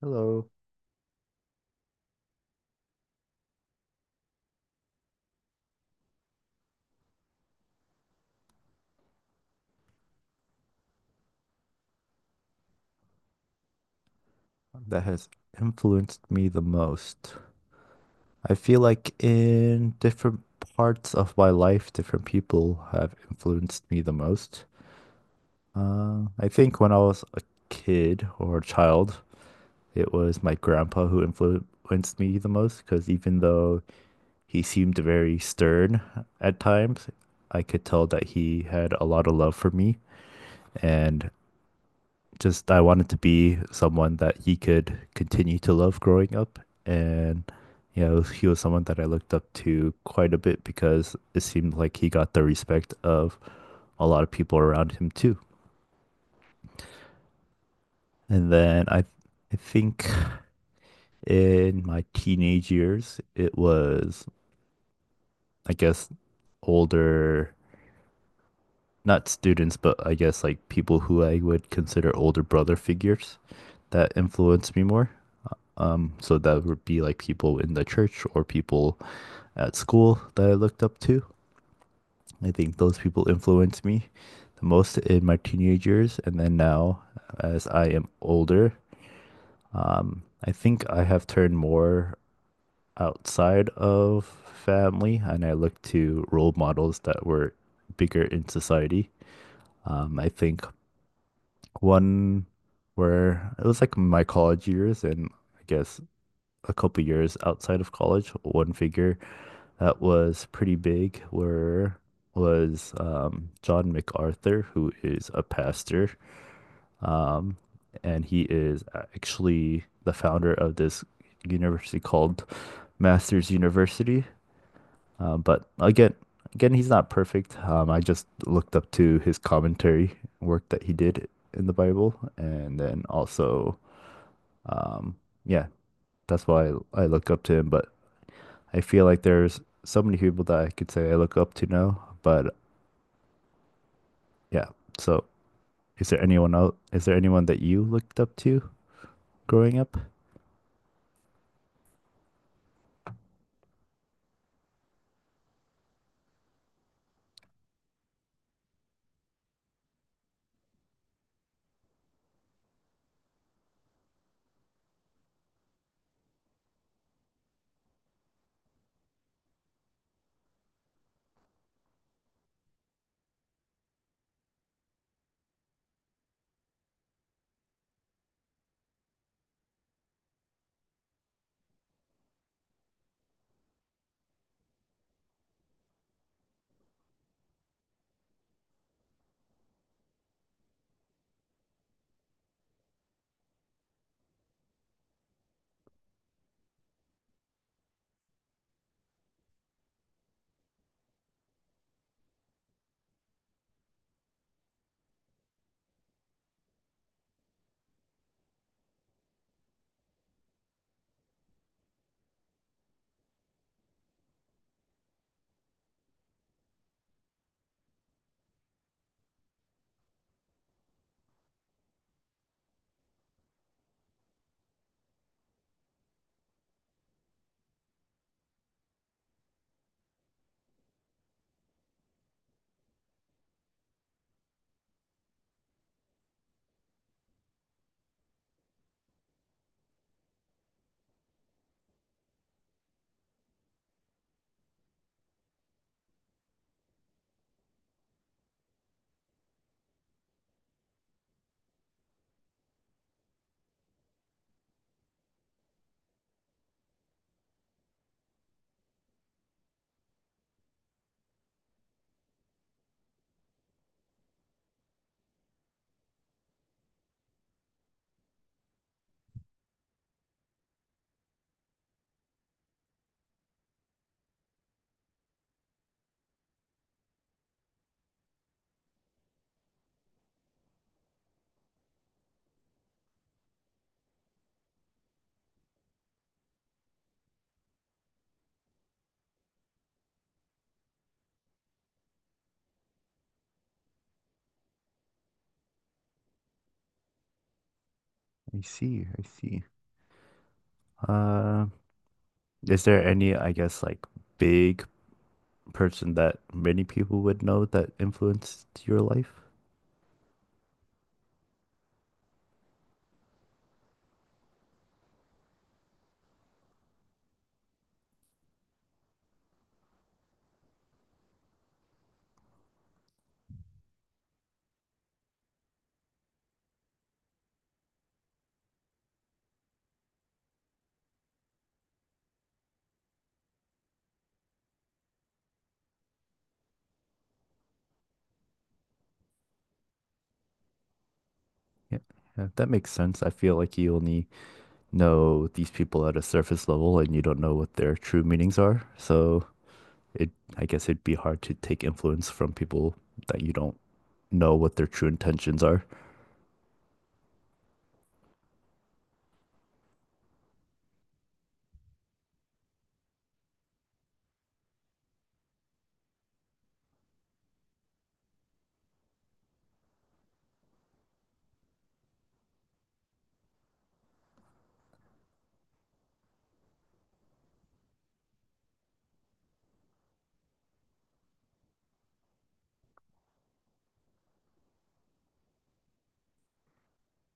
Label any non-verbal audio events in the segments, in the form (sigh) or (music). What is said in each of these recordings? Hello. That has influenced me the most. I feel like in different parts of my life, different people have influenced me the most. I think when I was a kid or a child, it was my grandpa who influenced me the most because even though he seemed very stern at times, I could tell that he had a lot of love for me. And just I wanted to be someone that he could continue to love growing up. And, you know, he was someone that I looked up to quite a bit because it seemed like he got the respect of a lot of people around him too. And then I think in my teenage years, it was, I guess, older, not students, but I guess like people who I would consider older brother figures that influenced me more. So that would be like people in the church or people at school that I looked up to. I think those people influenced me the most in my teenage years. And then now, as I am older, I think I have turned more outside of family and I look to role models that were bigger in society. I think one where it was like my college years and I guess a couple years outside of college, one figure that was pretty big were was John MacArthur, who is a pastor, um, and he is actually the founder of this university called Masters University. But again, he's not perfect. I just looked up to his commentary work that he did in the Bible, and then also, um, yeah, that's why I look up to him. But I feel like there's so many people that I could say I look up to now, but yeah. So, is there anyone else? Is there anyone that you looked up to growing up? I see, I see. Uh, is there any, I guess, like big person that many people would know that influenced your life? Yeah, yeah, that makes sense. I feel like you only know these people at a surface level and you don't know what their true meanings are. So it, I guess it'd be hard to take influence from people that you don't know what their true intentions are.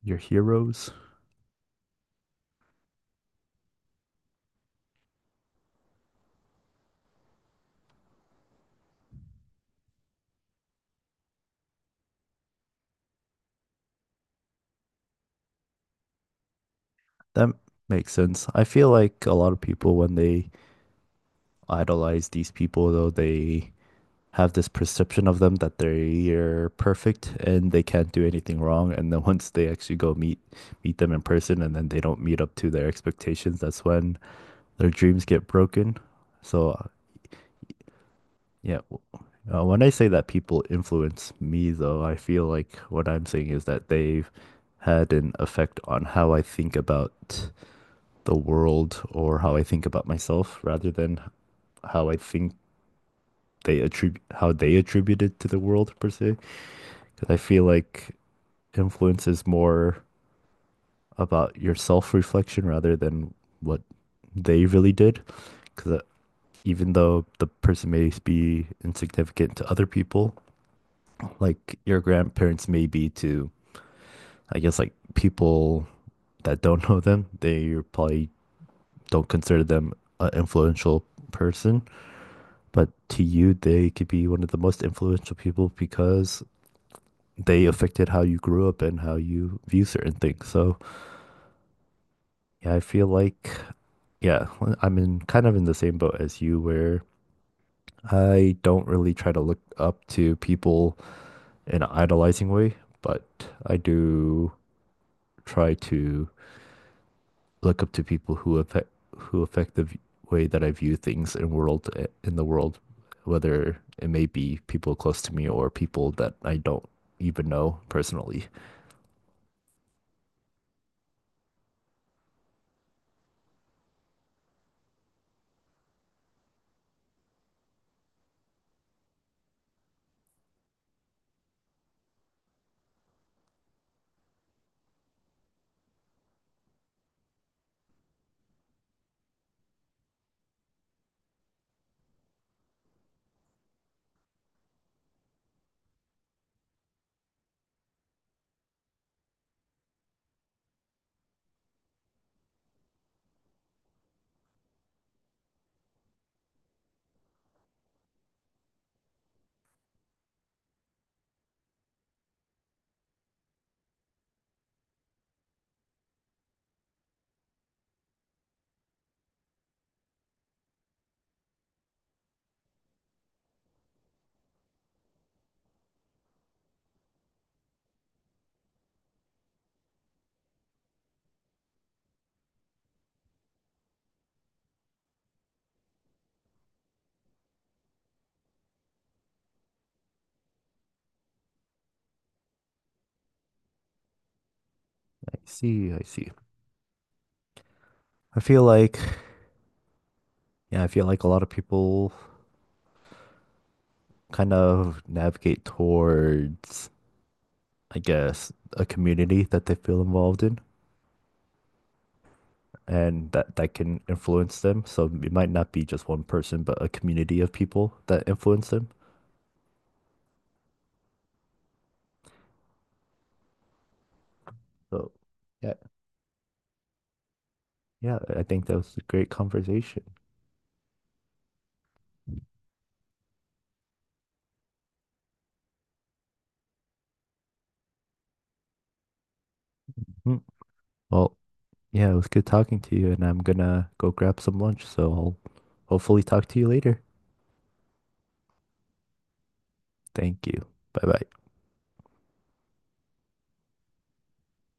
Your heroes. That makes sense. I feel like a lot of people when they idolize these people though they have this perception of them that they're perfect and they can't do anything wrong, and then (laughs) once they actually go meet them in person and then they don't meet up to their expectations, that's when their dreams get broken, so yeah. When I say that people influence me though, I feel like what I'm saying is that they've had an effect on how I think about the world or how I think about myself rather than how I think they attribute how they attribute it to the world per se. Because I feel like influence is more about your self-reflection rather than what they really did. Because even though the person may be insignificant to other people, like your grandparents may be to, I guess, like people that don't know them, they probably don't consider them an influential person. But to you, they could be one of the most influential people because they affected how you grew up and how you view certain things. So, yeah, I feel like, yeah, I'm in kind of in the same boat as you where I don't really try to look up to people in an idolizing way, but I do try to look up to people who affect the way that I view things in the world, whether it may be people close to me or people that I don't even know personally. I see, I see. I feel like yeah, I feel like a lot of people kind of navigate towards, I guess, a community that they feel involved in, and that that can influence them. So it might not be just one person, but a community of people that influence them. So yeah. Yeah, I think that was a great conversation. Mhm. Well, yeah, it was good talking to you, and I'm gonna go grab some lunch, so I'll hopefully talk to you later. Thank you. Bye bye.